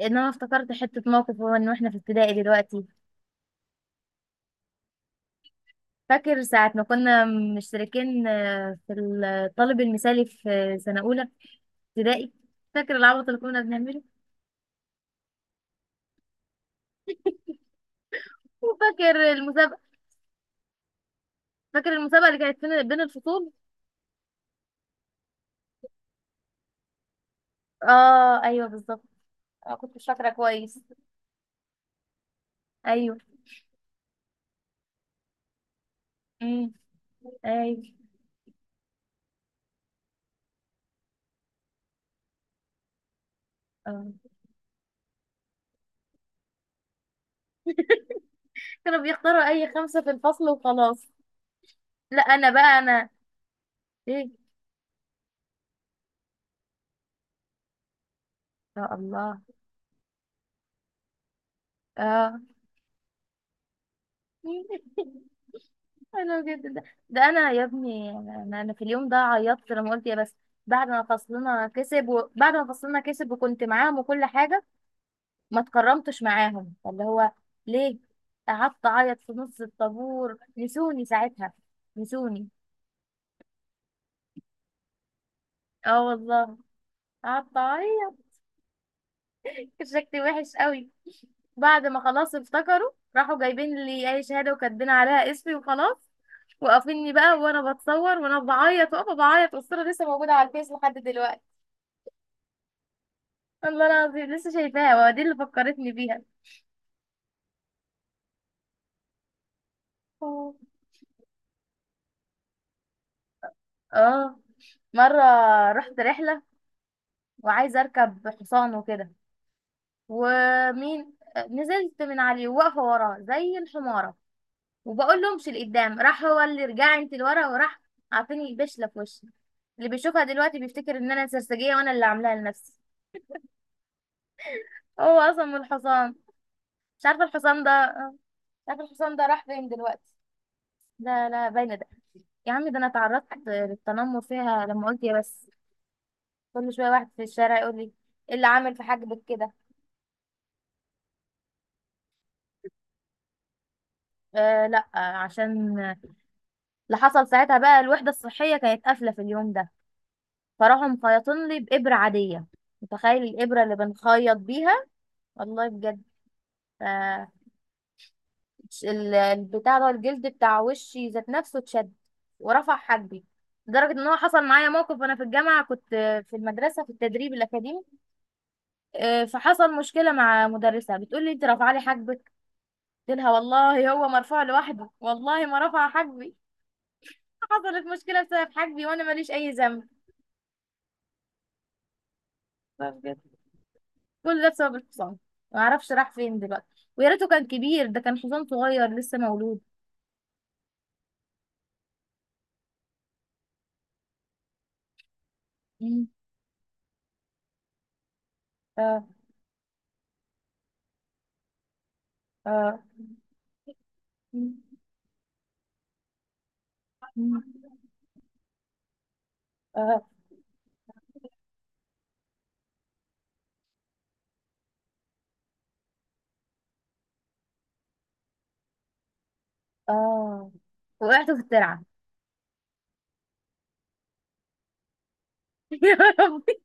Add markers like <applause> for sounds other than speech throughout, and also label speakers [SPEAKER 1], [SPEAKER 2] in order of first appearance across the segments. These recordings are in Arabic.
[SPEAKER 1] ان انا افتكرت حته موقف واحنا في ابتدائي دلوقتي. فاكر ساعه ما كنا مشتركين في الطالب المثالي في سنه اولى ابتدائي. فاكر العبط اللي كنا بنعمله، وفاكر المسابقه. فاكر المسابقه اللي كانت بين الفصول. اه ايوه بالظبط. كنت مش فاكره كويس. ايوه. امم ايوه. آه. كانوا بيختاروا اي خمسه في الفصل وخلاص. لا انا بقى انا، ايه. يا الله. اه. <laughs> حلو جدا ده ده انا يا ابني، أنا في اليوم ده عيطت لما قلت يا بس. بعد ما فصلنا كسب، وبعد ما فصلنا كسب وكنت معاهم وكل حاجه. ما اتكرمتش معاهم اللي هو. ليه. قعدت اعيط في نص الطابور، نسوني ساعتها، نسوني. اه والله. قعدت اعيط. <laughs> شكلي وحش قوي. بعد ما خلاص افتكروا، راحوا جايبين لي اي شهاده وكاتبين عليها اسمي وخلاص. وقفني بقى وانا بتصور وانا بعيط، واقفه بعيط، والصوره لسه موجوده على الفيس لحد دلوقتي. والله العظيم لسه شايفاها، ودي اللي فكرتني بيها. آه. اه، مرة رحت رحلة وعايزة أركب حصان وكده. ومين. نزلت من عليه وواقفة وراه زي الحمارة، وبقول له امشي لقدام، راح هو اللي رجع انت لورا وراح. عارفين يبشله في وشي. اللي بيشوفها دلوقتي بيفتكر ان انا سرسجية وانا اللي عاملاها لنفسي. هو اصلا من الحصان. مش عارفة الحصان ده. مش عارفة الحصان ده راح فين دلوقتي. لا لا، باينة ده. يا عم، ده انا اتعرضت للتنمر فيها لما قلت يا بس. كل شويه واحد في الشارع يقول لي ايه اللي عامل في حاجبك كده. آه لا، عشان اللي حصل ساعتها بقى الوحده الصحيه كانت قافله في اليوم ده. فراحوا مخيطين لي بابره عاديه. متخيل الابره اللي بنخيط بيها. والله بجد. آه. البتاع ده، الجلد بتاع وشي ذات نفسه اتشد ورفع حاجبي، لدرجه ان هو حصل معايا موقف وانا في الجامعه كنت، في المدرسه في التدريب الاكاديمي. فحصل مشكله مع مدرسه بتقول لي انت رافعه لي حاجبك. قلت لها والله هو مرفوع لوحده، والله ما رفع حاجبي. حصلت مشكله بسبب حاجبي وانا ماليش اي ذنب. فبجد، كل ده بسبب الحصان. ما اعرفش راح فين دلوقتي. ويا ريته كان كبير، ده كان حصان صغير لسه مولود. مم. آه. آه. مم. مم. آه. آه وقعت في الترعه. <laughs> يا ربي.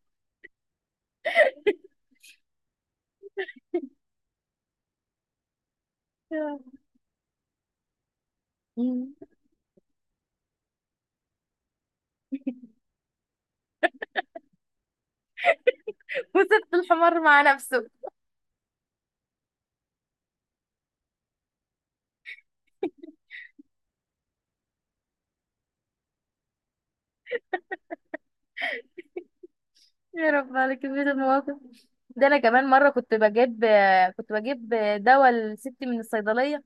[SPEAKER 1] مم. <laughs> وسبت الحمار مع نفسه. يا رب على كمية المواقف. ده انا كمان مرة كنت بجيب دواء لستي من الصيدلية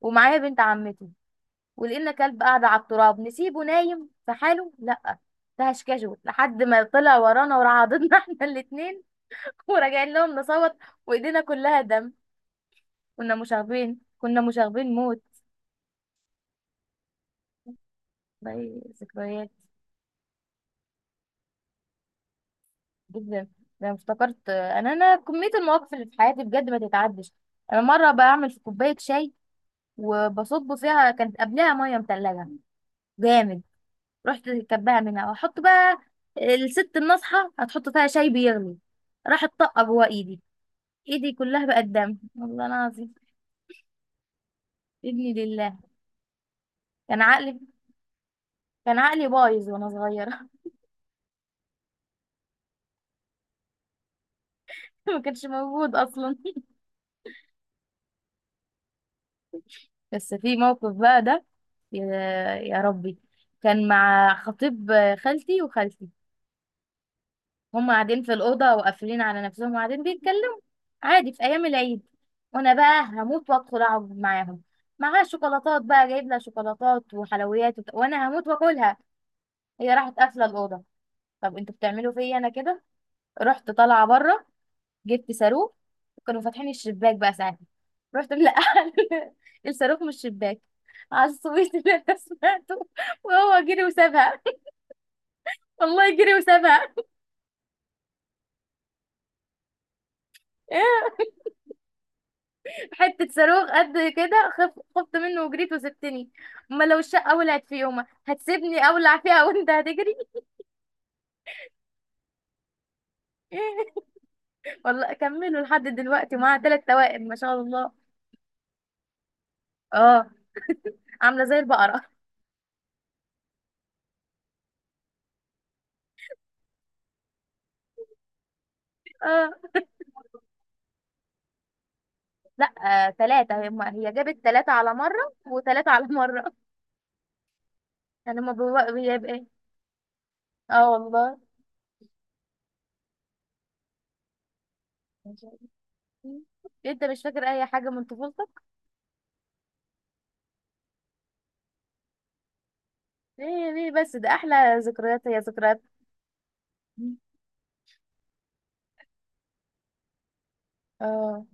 [SPEAKER 1] ومعايا بنت عمتي. ولقينا كلب قاعد على التراب، نسيبه نايم في حاله. لا، ده هشكشه لحد ما طلع ورانا وراح <laughs> احنا الاتنين. وراجعين لهم نصوت، وايدينا كلها دم. كنا مشاغبين، كنا مشاغبين موت. والله ذكريات. جدا. ده أنا افتكرت انا كمية المواقف اللي في حياتي بجد ما تتعدش. انا مرة بعمل في كوباية شاي وبصب فيها، كانت قبلها ميه متلجه جامد. رحت كبها منها واحط بقى الست الناصحه هتحط فيها شاي بيغلي. راحت طاقه جوه ايدي. ايدي كلها بقت دم والله العظيم. ابني لله. كان عقلي كان عقلي بايظ وانا صغيره. <laughs> ما كانش موجود اصلا. بس في موقف بقى ده. يا يا ربي. كان مع خطيب خالتي وخالتي، هم قاعدين في الأوضة وقافلين على نفسهم وقاعدين بيتكلموا عادي في أيام العيد. وأنا بقى هموت وأدخل أقعد معاهم. معاها شوكولاتات بقى، جايب لها شوكولاتات وحلويات وأنا هموت وأكلها. هي راحت قافلة الأوضة. طب انتوا بتعملوا فيا أنا كده. رحت طالعة بره، جبت صاروخ. كانوا فاتحين الشباك بقى ساعتها. رحت ملقحة <laughs> الصاروخ من الشباك على الصويت اللي انا سمعته. وهو جري وسابها. <laughs> والله جري وسابها. إيه؟ حتة صاروخ قد كده خفت منه وجريت وسبتني. ما لو الشقة ولعت في يومها هتسيبني اولع فيها وانت هتجري. <laughs> والله كملوا لحد دلوقتي، معاها ثلاث توائم ما شاء الله. اه. عاملة زي البقرة <laughs> اه لا، ثلاثة. هي هي جابت ثلاثة على مرة وثلاثة على مرة. <laughs> يعني ما هي بإيه. اه والله. ما شاء الله. انت مش فاكر اي حاجة من طفولتك؟ ليه ليه بس؟ ده احلى ذكريات، هي ذكريات. اه.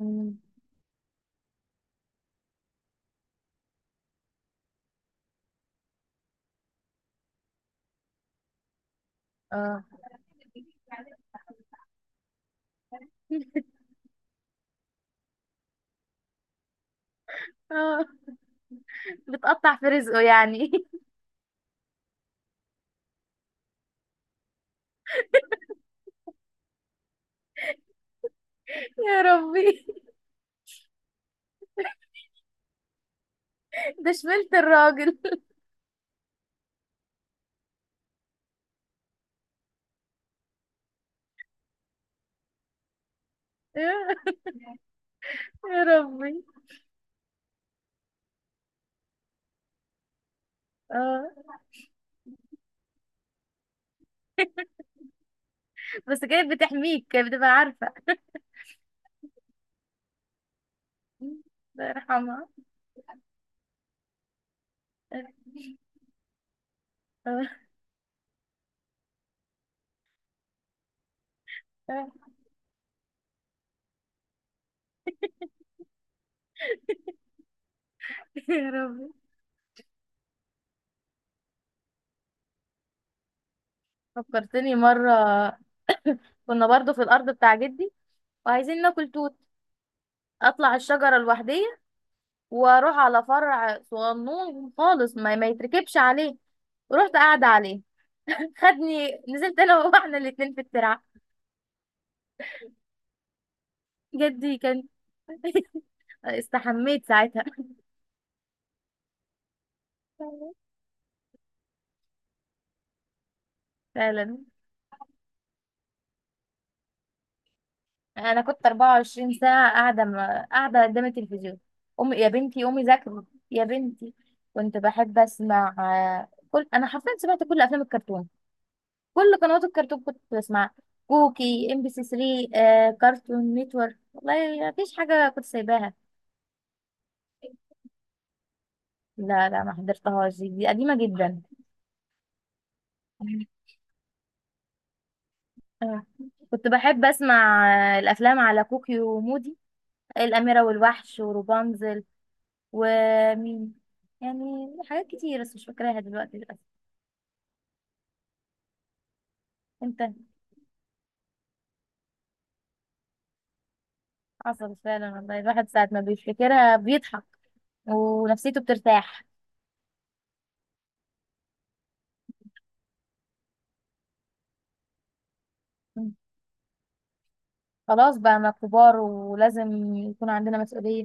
[SPEAKER 1] اه. اه. <laughs> اه. بتقطع في رزقه يعني. <laughs> يا ربي. ده شملت الراجل. <laughs> يا يا ربي. اه. بس كانت بتحميك، كانت بتبقى عارفة. الله يرحمها. آه. آه. <laughs> يا ربي. فكرتني مرة. كنا برضو في الأرض بتاع جدي وعايزين ناكل توت. أطلع الشجرة لوحدية وأروح على فرع صغنون خالص ما يتركبش عليه. ورحت قاعدة عليه. خدني، نزلت انا وهو احنا الاتنين في الترعه. جدي كان <laughs> استحميت ساعتها. فعلا. انا كنت 24 ساعه قاعده قدام التلفزيون. امي يا بنتي قومي ذاكري. يا بنتي. كنت بحب اسمع كل، انا حرفيا سمعت كل افلام الكرتون. كل قنوات الكرتون كنت بسمعها. كوكي، ام بي سي 3، كارتون نيتورك. والله مفيش حاجه كنت سايباها. لا لا، ما حضرتهاش. دي قديمه جدا. آه. كنت بحب اسمع الافلام على كوكي ومودي، الاميره والوحش وروبانزل. ومين يعني. حاجات كتير بس مش فاكراها دلوقتي للاسف. انت. عصبي فعلا والله، الواحد ساعه ما بيفتكرها بيضحك ونفسيته بترتاح. مم. خلاص بقى، ما كبار ولازم يكون عندنا مسؤوليه.